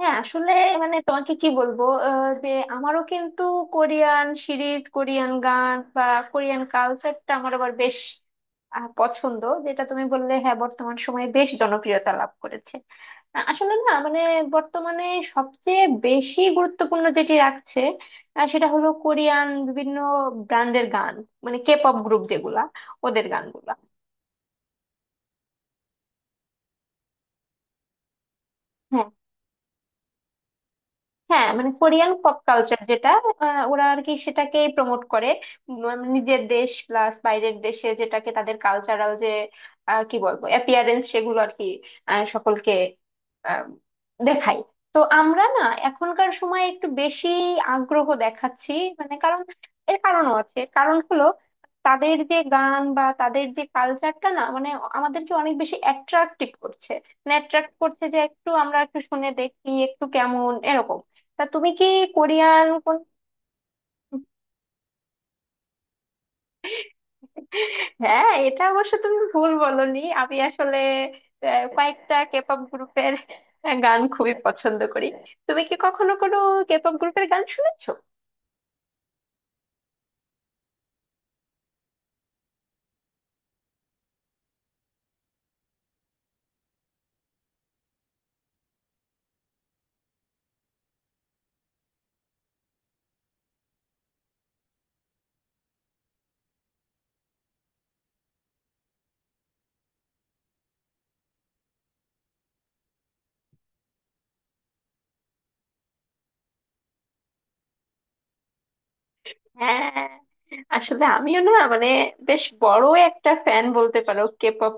হ্যাঁ, আসলে মানে তোমাকে কি বলবো, যে আমারও কিন্তু কোরিয়ান সিরিজ, কোরিয়ান গান বা কোরিয়ান কালচারটা আমার আবার বেশ পছন্দ। যেটা তুমি বললে, হ্যাঁ, বর্তমান সময়ে বেশ জনপ্রিয়তা লাভ করেছে। আসলে না, মানে বর্তমানে সবচেয়ে বেশি গুরুত্বপূর্ণ যেটি রাখছে, সেটা হলো কোরিয়ান বিভিন্ন ব্র্যান্ডের গান, মানে কে পপ গ্রুপ, যেগুলা ওদের গানগুলা। হ্যাঁ, হ্যাঁ, মানে কোরিয়ান পপ কালচার, যেটা ওরা আর কি সেটাকে প্রমোট করে। মানে নিজের দেশ প্লাস বাইরের দেশে যেটাকে তাদের কালচারাল যে কি বলবো, অ্যাপিয়ারেন্স সেগুলো আর কি সকলকে আহ, দেখায়। তো আমরা না এখনকার সময় একটু বেশি আগ্রহ দেখাচ্ছি, মানে কারণ এর কারণও আছে, কারণ হলো তাদের যে গান বা তাদের যে কালচারটা না, মানে আমাদেরকে অনেক বেশি অ্যাট্রাক্টিভ করছে, মানে attract করছে, যে একটু আমরা একটু শুনে দেখি একটু কেমন, এরকম। তা তুমি কি কোরিয়ান কোন? হ্যাঁ, এটা অবশ্য তুমি ভুল বলনি। আমি আসলে কয়েকটা কেপপ গ্রুপের গান খুবই পছন্দ করি। তুমি কি কখনো কোনো কেপপ গ্রুপের গান শুনেছো? হ্যাঁ, আসলে আমিও না, মানে বেশ বড় একটা ফ্যান বলতে পারো কে পপ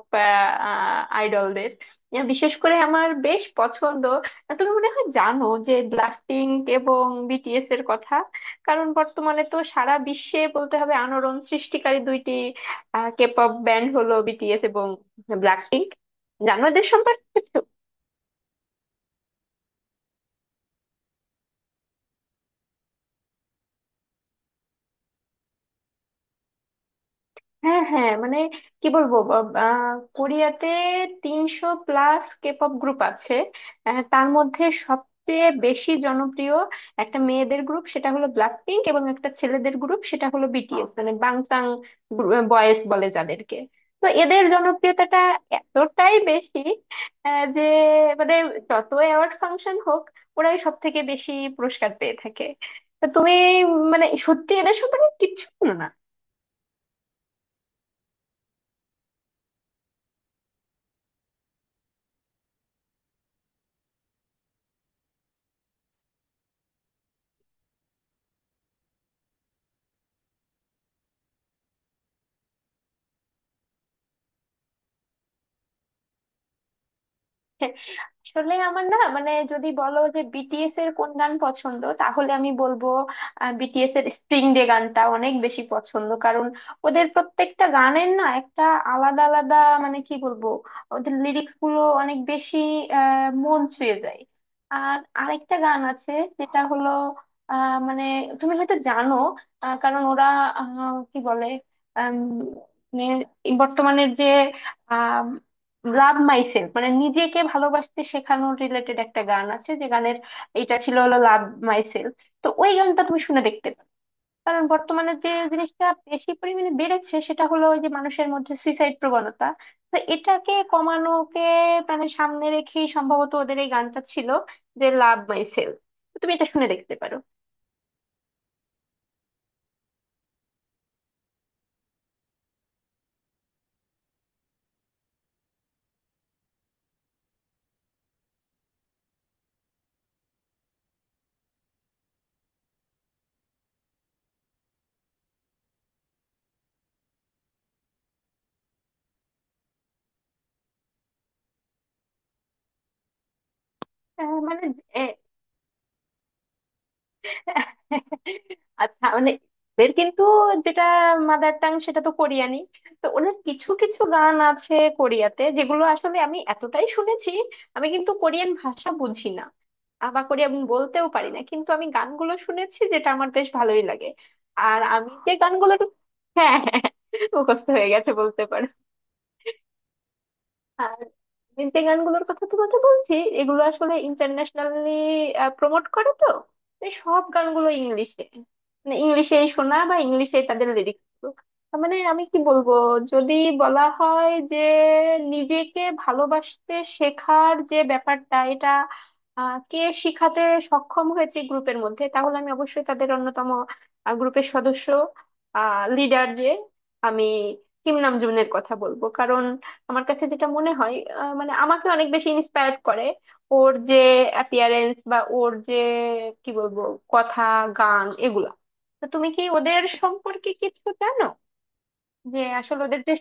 আইডলদের। বিশেষ করে আমার বেশ পছন্দ। তুমি মনে হয় জানো যে ব্লাস্টিং এবং বিটিএস এর কথা। কারণ বর্তমানে তো সারা বিশ্বে বলতে হবে আলোড়ন সৃষ্টিকারী দুইটি কে পপ ব্যান্ড হলো বিটিএস এবং ব্ল্যাকপিঙ্ক। জানো এদের সম্পর্কে? হ্যাঁ, হ্যাঁ, মানে কি বলবো, আহ, কোরিয়াতে 300 প্লাস কেপপ গ্রুপ আছে। তার মধ্যে সবচেয়ে বেশি জনপ্রিয় একটা মেয়েদের গ্রুপ সেটা হলো ব্ল্যাক পিঙ্ক, এবং একটা ছেলেদের গ্রুপ সেটা হলো বিটিএস, মানে বাংটাং বয়েজ বলে যাদেরকে। তো এদের জনপ্রিয়তাটা এতটাই বেশি যে মানে যত অ্যাওয়ার্ড ফাংশন হোক ওরাই সব থেকে বেশি পুরস্কার পেয়ে থাকে। তা তুমি, মানে সত্যি এদের সম্পর্কে কিচ্ছু জানো না? আসলে আমার না, মানে যদি বলো যে বিটিএস এর কোন গান পছন্দ, তাহলে আমি বলবো বিটিএস এর স্প্রিং ডে গানটা অনেক বেশি পছন্দ। কারণ ওদের প্রত্যেকটা গানের না একটা আলাদা আলাদা, মানে কি বলবো, ওদের লিরিক্স গুলো অনেক বেশি মন ছুঁয়ে যায়। আর আরেকটা গান আছে, যেটা হলো মানে তুমি হয়তো জানো, কারণ ওরা আহ, কি বলে, আম, মানে বর্তমানের যে লাভ মাইসেলফ, মানে নিজেকে ভালোবাসতে শেখানোর রিলেটেড একটা গান আছে, যে গানের এটা ছিল হলো লাভ মাইসেলফ। তো ওই গানটা তুমি শুনে দেখতে পারো, কারণ বর্তমানে যে জিনিসটা বেশি পরিমাণে বেড়েছে সেটা হলো ওই যে মানুষের মধ্যে সুইসাইড প্রবণতা। তো এটাকে কমানোকে, মানে সামনে রেখেই সম্ভবত ওদের এই গানটা ছিল যে লাভ মাইসেলফ, তুমি এটা শুনে দেখতে পারো। মানে আচ্ছা, মানে এদের কিন্তু যেটা মাদার টাং সেটা তো কোরিয়ানি। তো ওনার কিছু কিছু গান আছে কোরিয়াতে যেগুলো আসলে আমি এতটাই শুনেছি, আমি কিন্তু কোরিয়ান ভাষা বুঝি না, বা কোরিয়ান বলতেও পারি না, কিন্তু আমি গানগুলো শুনেছি যেটা আমার বেশ ভালোই লাগে। আর আমি যে গানগুলো। হ্যাঁ, হ্যাঁ, হ্যাঁ, মুখস্থ হয়ে গেছে বলতে পারো। আর আমি যে গানগুলোর কথা তোমাকে বলছি, এগুলো আসলে ইন্টারন্যাশনালি প্রমোট করে তো, তাই সব গানগুলো ইংলিশে, মানে ইংলিশেই শোনা বা ইংলিশে তাদের লিরিক্স। মানে আমি কি বলবো, যদি বলা হয় যে নিজেকে ভালোবাসতে শেখার যে ব্যাপারটা, এটা কে শিখাতে সক্ষম হয়েছে গ্রুপের মধ্যে, তাহলে আমি অবশ্যই তাদের অন্যতম গ্রুপের সদস্য, লিডার যে, আমি কিম নামজুনের কথা বলবো। কারণ আমার কাছে যেটা মনে হয় মানে আমাকে অনেক বেশি ইন্সপায়ার্ড করে, ওর যে অ্যাপিয়ারেন্স বা ওর যে কি বলবো কথা, গান, এগুলা। তো তুমি কি ওদের সম্পর্কে কিছু জানো যে আসলে ওদের যে।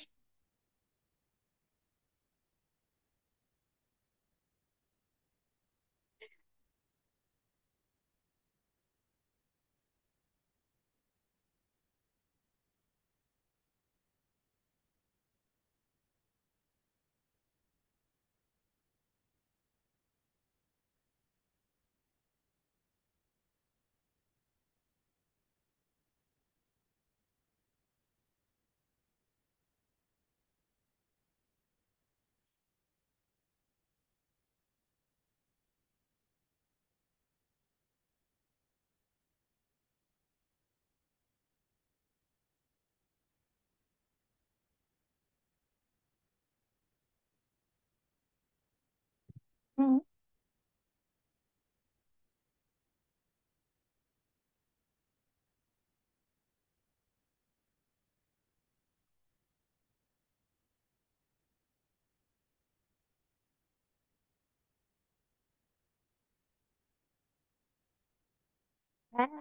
হুম। হ্যাঁ,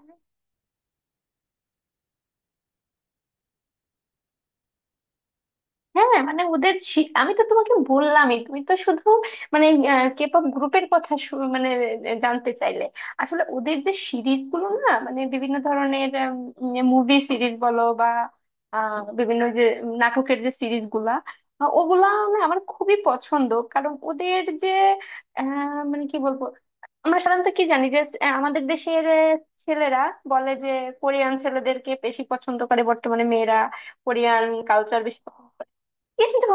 হ্যাঁ, হ্যাঁ, মানে ওদের আমি তো তোমাকে বললামই, তুমি তো শুধু মানে কেপপ গ্রুপের কথা মানে জানতে চাইলে, আসলে ওদের যে সিরিজ গুলো না, মানে বিভিন্ন ধরনের মুভি সিরিজ বলো বা বিভিন্ন যে নাটকের যে সিরিজ গুলা, ওগুলা না আমার খুবই পছন্দ। কারণ ওদের যে মানে কি বলবো, আমরা সাধারণত কি জানি যে আমাদের দেশের ছেলেরা বলে যে কোরিয়ান ছেলেদেরকে বেশি পছন্দ করে বর্তমানে মেয়েরা, কোরিয়ান কালচার বেশি পছন্দ করে। কিন্তু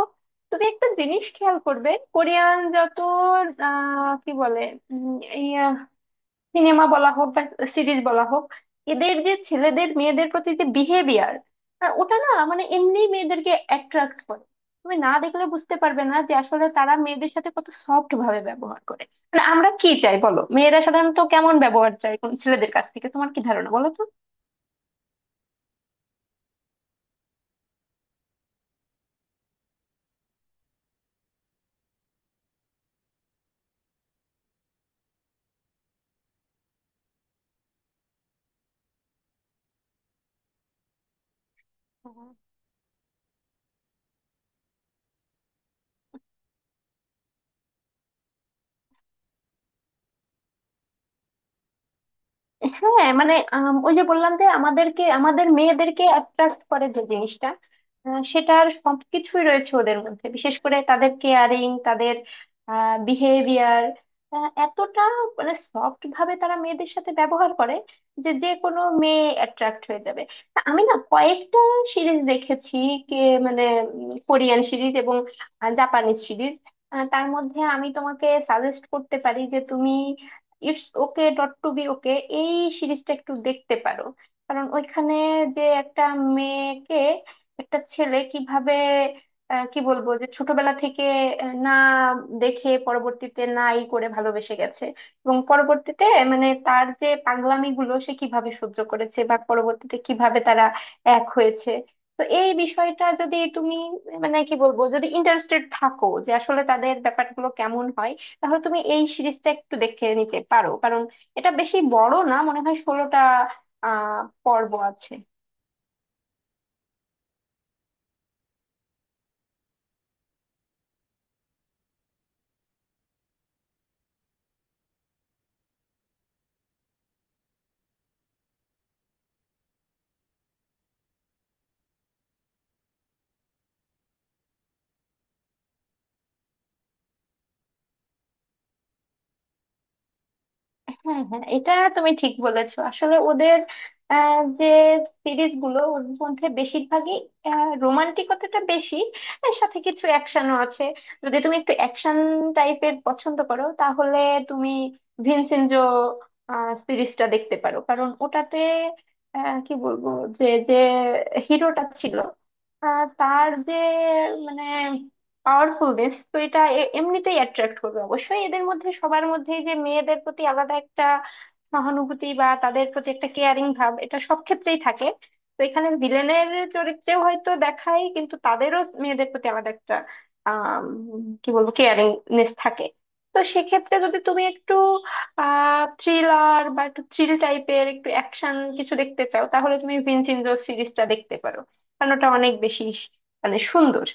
তুমি একটা জিনিস খেয়াল করবে, কোরিয়ান যত কি বলে, সিনেমা বলা হোক বা সিরিজ বলা হোক, এদের যে ছেলেদের মেয়েদের প্রতি যে বিহেভিয়ার, ওটা না মানে এমনি মেয়েদেরকে অ্যাট্রাক্ট করে। তুমি না দেখলে বুঝতে পারবে না যে আসলে তারা মেয়েদের সাথে কত সফট ভাবে ব্যবহার করে। মানে আমরা কি চাই বলো, মেয়েরা সাধারণত কেমন ব্যবহার চায় কোন ছেলেদের কাছ থেকে, তোমার কি ধারণা বলো তো? হ্যাঁ, মানে ওই যে বললাম যে আমাদেরকে আমাদের মেয়েদেরকে অ্যাট্রাক্ট করে যে জিনিসটা সেটার সবকিছুই রয়েছে ওদের মধ্যে। বিশেষ করে তাদের কেয়ারিং, তাদের বিহেভিয়ার এতটা, মানে সফট ভাবে তারা মেয়েদের সাথে ব্যবহার করে যে যে কোনো মেয়ে অ্যাট্রাক্ট হয়ে যাবে। তা আমি না কয়েকটা সিরিজ দেখেছি, কে মানে কোরিয়ান সিরিজ এবং জাপানিজ সিরিজ। তার মধ্যে আমি তোমাকে সাজেস্ট করতে পারি যে তুমি it's okay not to be okay এই সিরিজটা একটু দেখতে পারো। কারণ ওইখানে যে একটা মেয়েকে একটা ছেলে কিভাবে কি বলবো যে ছোটবেলা থেকে না দেখে পরবর্তীতে নাই করে ভালোবেসে গেছে, এবং পরবর্তীতে মানে তার যে পাগলামি গুলো সে কিভাবে সহ্য করেছে বা পরবর্তীতে কিভাবে তারা এক হয়েছে। তো এই বিষয়টা যদি তুমি মানে কি বলবো, যদি ইন্টারেস্টেড থাকো যে আসলে তাদের ব্যাপারগুলো কেমন হয়, তাহলে তুমি এই সিরিজটা একটু দেখে নিতে পারো। কারণ এটা বেশি বড় না, মনে হয় 16টা আহ পর্ব আছে। হ্যাঁ, হ্যাঁ, এটা তুমি ঠিক বলেছো। আসলে ওদের যে সিরিজ গুলো, ওর মধ্যে বেশিরভাগই রোমান্টিকতাটা বেশি, এর সাথে কিছু অ্যাকশনও আছে। যদি তুমি একটু অ্যাকশন টাইপের পছন্দ করো, তাহলে তুমি ভিনসেনজো সিরিজটা দেখতে পারো। কারণ ওটাতে কি বলবো যে যে হিরোটা ছিল, তার যে মানে পাওয়ারফুল দেশ, তো এটা এমনিতেই অ্যাট্রাক্ট করবে অবশ্যই। এদের মধ্যে সবার মধ্যে যে মেয়েদের প্রতি আলাদা একটা সহানুভূতি বা তাদের প্রতি একটা কেয়ারিং ভাব, এটা সব ক্ষেত্রেই থাকে। তো এখানে ভিলেনের চরিত্রেও হয়তো দেখায়, কিন্তু তাদেরও মেয়েদের প্রতি আলাদা একটা আহ কি বলবো কেয়ারিংনেস থাকে। তো সেক্ষেত্রে যদি তুমি একটু থ্রিলার বা একটু থ্রিল টাইপের একটু অ্যাকশন কিছু দেখতে চাও, তাহলে তুমি ভিনচেনজো সিরিজটা দেখতে পারো। কারণ ওটা অনেক বেশি মানে সুন্দর।